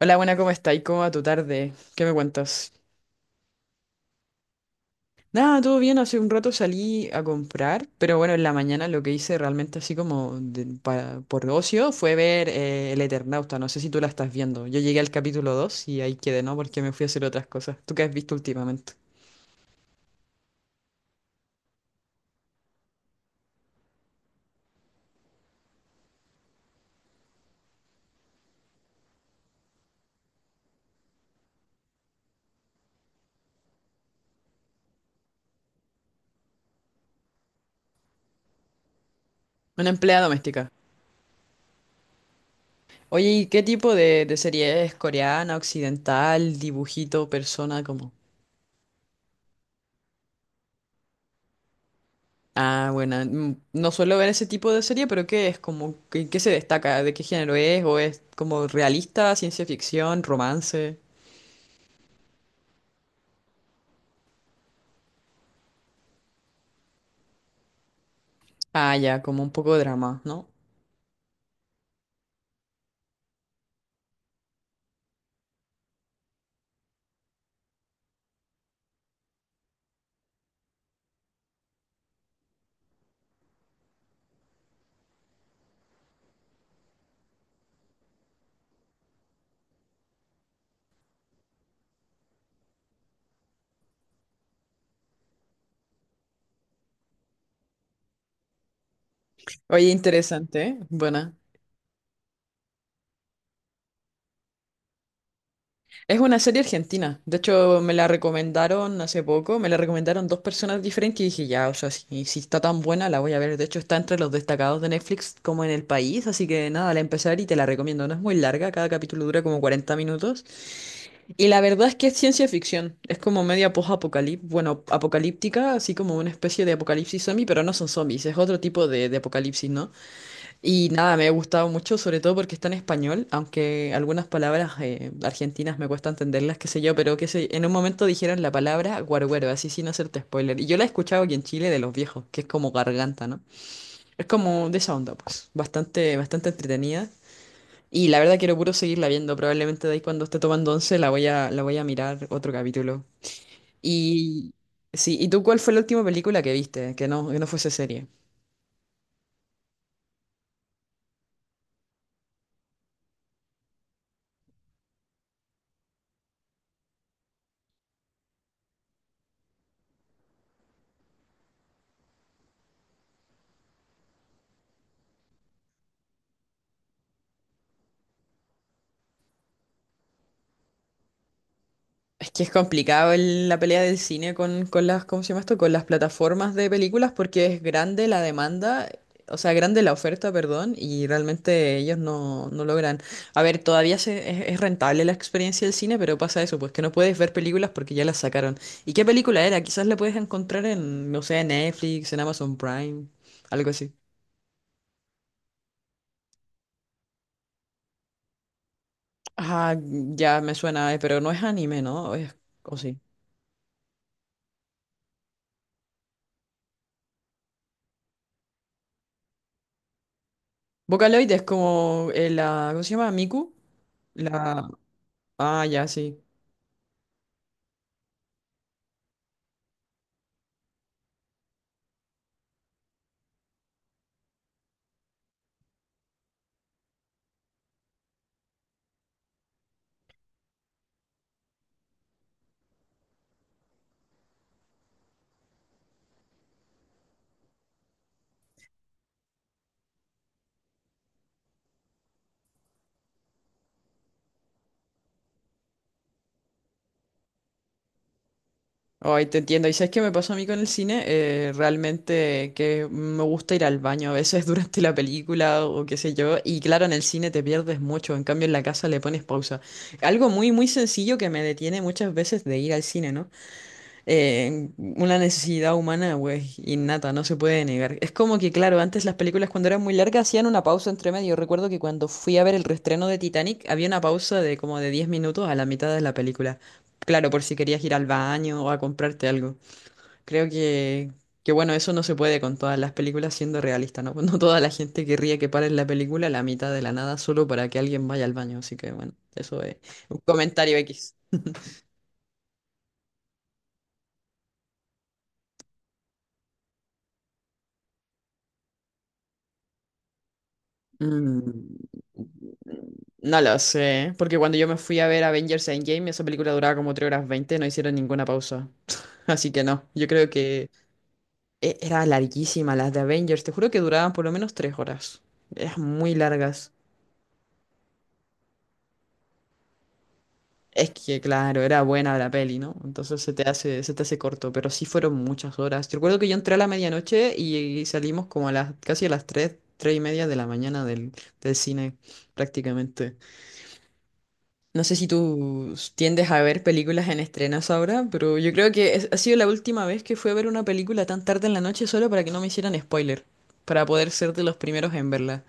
Hola, buena, ¿cómo estáis? ¿Cómo va tu tarde? ¿Qué me cuentas? Nada, todo bien, hace un rato salí a comprar, pero bueno, en la mañana lo que hice realmente así como por ocio fue ver El Eternauta, no sé si tú la estás viendo. Yo llegué al capítulo 2 y ahí quedé, ¿no? Porque me fui a hacer otras cosas. ¿Tú qué has visto últimamente? Una empleada doméstica. Oye, ¿y qué tipo de serie es? ¿Coreana, occidental, dibujito, persona, como? Ah, bueno, no suelo ver ese tipo de serie, pero ¿qué es? Como, ¿qué se destaca? ¿De qué género es? ¿O es como realista, ciencia ficción, romance? Ah, ya, como un poco de drama, ¿no? Oye, interesante, ¿eh? Buena. Es una serie argentina. De hecho, me la recomendaron hace poco. Me la recomendaron dos personas diferentes y dije, ya, o sea, si está tan buena, la voy a ver. De hecho, está entre los destacados de Netflix como en el país. Así que nada, la empecé a ver y te la recomiendo. No es muy larga, cada capítulo dura como 40 minutos. Y la verdad es que es ciencia ficción, es como media post-apocalíptica, bueno, apocalíptica, así como una especie de apocalipsis zombie, pero no son zombies, es otro tipo de apocalipsis, ¿no? Y nada, me ha gustado mucho, sobre todo porque está en español, aunque algunas palabras argentinas me cuesta entenderlas, qué sé yo, pero que sé, en un momento dijeron la palabra guarguero, así sin hacerte spoiler. Y yo la he escuchado aquí en Chile de los viejos, que es como garganta, ¿no? Es como de esa onda, pues, bastante, bastante entretenida. Y la verdad quiero puro seguirla viendo. Probablemente de ahí cuando esté tomando once la voy a mirar otro capítulo. Y sí, ¿y tú cuál fue la última película que viste? Que no fuese serie. Es que es complicado la pelea del cine con las, ¿cómo se llama esto? Con las plataformas de películas porque es grande la demanda, o sea, grande la oferta, perdón, y realmente ellos no logran. A ver, es rentable la experiencia del cine, pero pasa eso, pues que no puedes ver películas porque ya las sacaron. ¿Y qué película era? Quizás la puedes encontrar en, no sé, en Netflix, en Amazon Prime, algo así. Ah, ya me suena, pero no es anime, ¿no? ¿O sí? Vocaloid es como la, ¿cómo se llama? Miku. La, ah, ya, sí. Ay, te entiendo. ¿Y sabes qué me pasó a mí con el cine? Realmente que me gusta ir al baño a veces durante la película o qué sé yo. Y claro, en el cine te pierdes mucho. En cambio, en la casa le pones pausa. Algo muy, muy sencillo que me detiene muchas veces de ir al cine, ¿no? Una necesidad humana, güey, innata, no se puede negar. Es como que, claro, antes las películas cuando eran muy largas hacían una pausa entre medio. Recuerdo que cuando fui a ver el reestreno de Titanic había una pausa de como de 10 minutos a la mitad de la película. Claro, por si querías ir al baño o a comprarte algo. Creo que, que bueno, eso no se puede con todas las películas siendo realista, ¿no? No toda la gente querría que paren la película a la mitad de la nada solo para que alguien vaya al baño. Así que bueno, eso es un comentario X. Mm, no lo sé, porque cuando yo me fui a ver Avengers Endgame, esa película duraba como 3 horas 20 no hicieron ninguna pausa. Así que no, yo creo que era larguísima las de Avengers, te juro que duraban por lo menos 3 horas. Eran muy largas. Es que, claro, era buena la peli, ¿no? Entonces se te hace corto, pero sí fueron muchas horas. Yo recuerdo que yo entré a la medianoche y salimos como a las, casi a las tres, 3 y media de la mañana del cine, prácticamente. No sé si tú tiendes a ver películas en estrenos ahora, pero yo creo que ha sido la última vez que fui a ver una película tan tarde en la noche solo para que no me hicieran spoiler, para poder ser de los primeros en verla.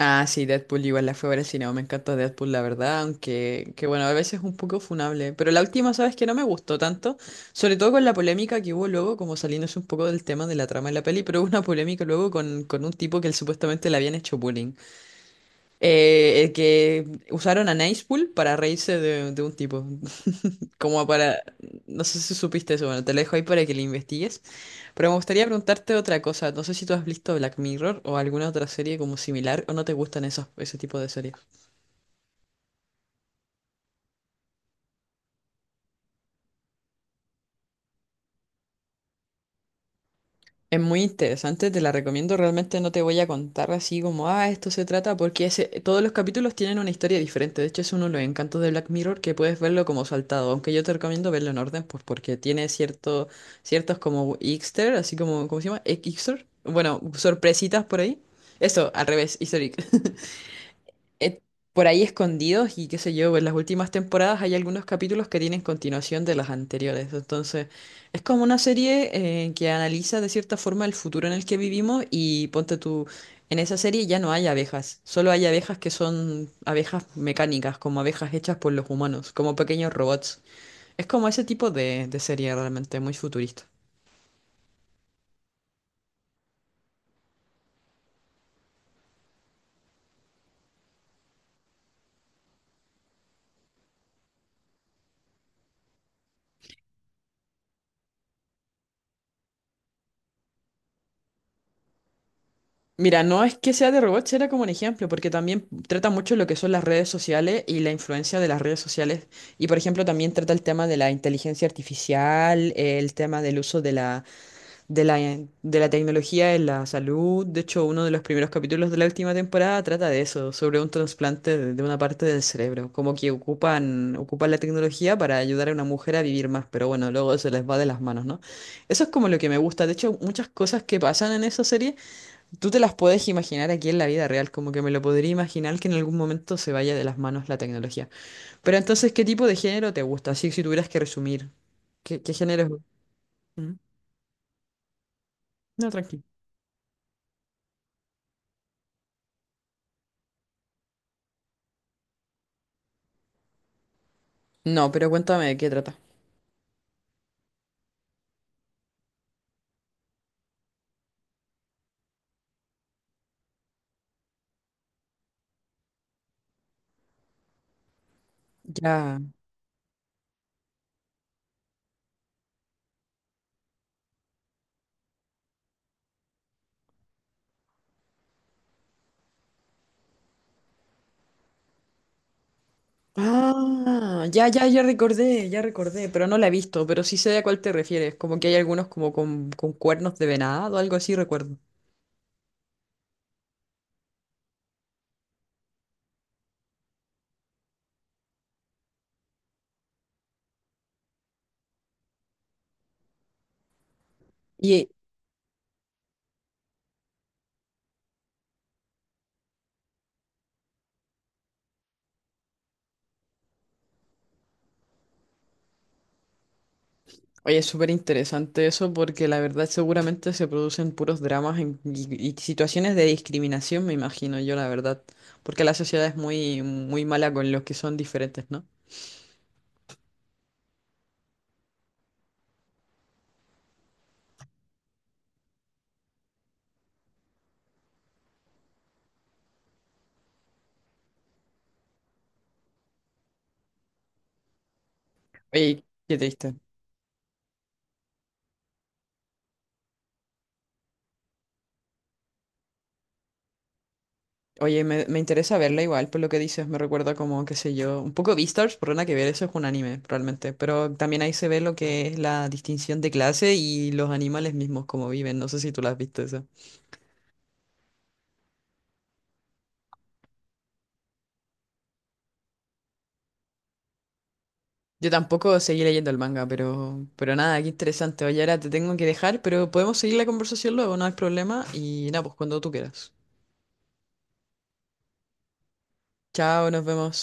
Ah, sí, Deadpool igual la fui a ver al cine, me encanta Deadpool, la verdad, aunque que bueno, a veces es un poco funable, pero la última, sabes que no me gustó tanto, sobre todo con la polémica que hubo luego, como saliéndose un poco del tema de la trama de la peli, pero hubo una polémica luego con un tipo que él supuestamente le habían hecho bullying. El que usaron a Nicepool para reírse de un tipo. Como para. No sé si supiste eso, bueno, te lo dejo ahí para que lo investigues. Pero me gustaría preguntarte otra cosa. No sé si tú has visto Black Mirror o alguna otra serie como similar o no te gustan ese tipo de series. Es muy interesante, te la recomiendo. Realmente no te voy a contar así como, ah, esto se trata, porque ese, todos los capítulos tienen una historia diferente. De hecho, es uno de los encantos de Black Mirror que puedes verlo como saltado. Aunque yo te recomiendo verlo en orden, pues porque tiene ciertos como Easter, así como, ¿cómo se llama? Easter. Bueno, sorpresitas por ahí. Eso, al revés, Easter egg eh, por ahí escondidos y qué sé yo, en las últimas temporadas hay algunos capítulos que tienen continuación de las anteriores. Entonces, es como una serie que analiza de cierta forma el futuro en el que vivimos y ponte tú, en esa serie ya no hay abejas, solo hay abejas que son abejas mecánicas, como abejas hechas por los humanos, como pequeños robots. Es como ese tipo de serie realmente muy futurista. Mira, no es que sea de robots, era como un ejemplo, porque también trata mucho lo que son las redes sociales y la influencia de las redes sociales. Y por ejemplo, también trata el tema de la inteligencia artificial, el tema del uso de la, de la tecnología en la salud. De hecho, uno de los primeros capítulos de la última temporada trata de eso, sobre un trasplante de una parte del cerebro. Como que ocupan la tecnología para ayudar a una mujer a vivir más, pero bueno, luego se les va de las manos, ¿no? Eso es como lo que me gusta. De hecho, muchas cosas que pasan en esa serie. Tú te las puedes imaginar aquí en la vida real, como que me lo podría imaginar que en algún momento se vaya de las manos la tecnología. Pero entonces, ¿qué tipo de género te gusta? Así si tuvieras que resumir, ¿qué género es? Ujú. No, tranquilo. No, pero cuéntame de qué trata. Ya. Ah, ya, ya, ya recordé, pero no la he visto, pero sí sé a cuál te refieres, como que hay algunos como con cuernos de venado, algo así recuerdo. Oye, es súper interesante eso porque la verdad seguramente se producen puros dramas y situaciones de discriminación, me imagino yo, la verdad. Porque la sociedad es muy, muy mala con los que son diferentes, ¿no? Oye, qué triste. Oye, me interesa verla igual, por lo que dices, me recuerda como, qué sé yo, un poco Beastars, por nada que ver, eso es un anime realmente, pero también ahí se ve lo que es la distinción de clase y los animales mismos como viven, no sé si tú las viste. Yo tampoco seguí leyendo el manga, pero nada, qué interesante. Oye, ahora te tengo que dejar, pero podemos seguir la conversación luego, no hay problema. Y nada, pues cuando tú quieras. Chao, nos vemos.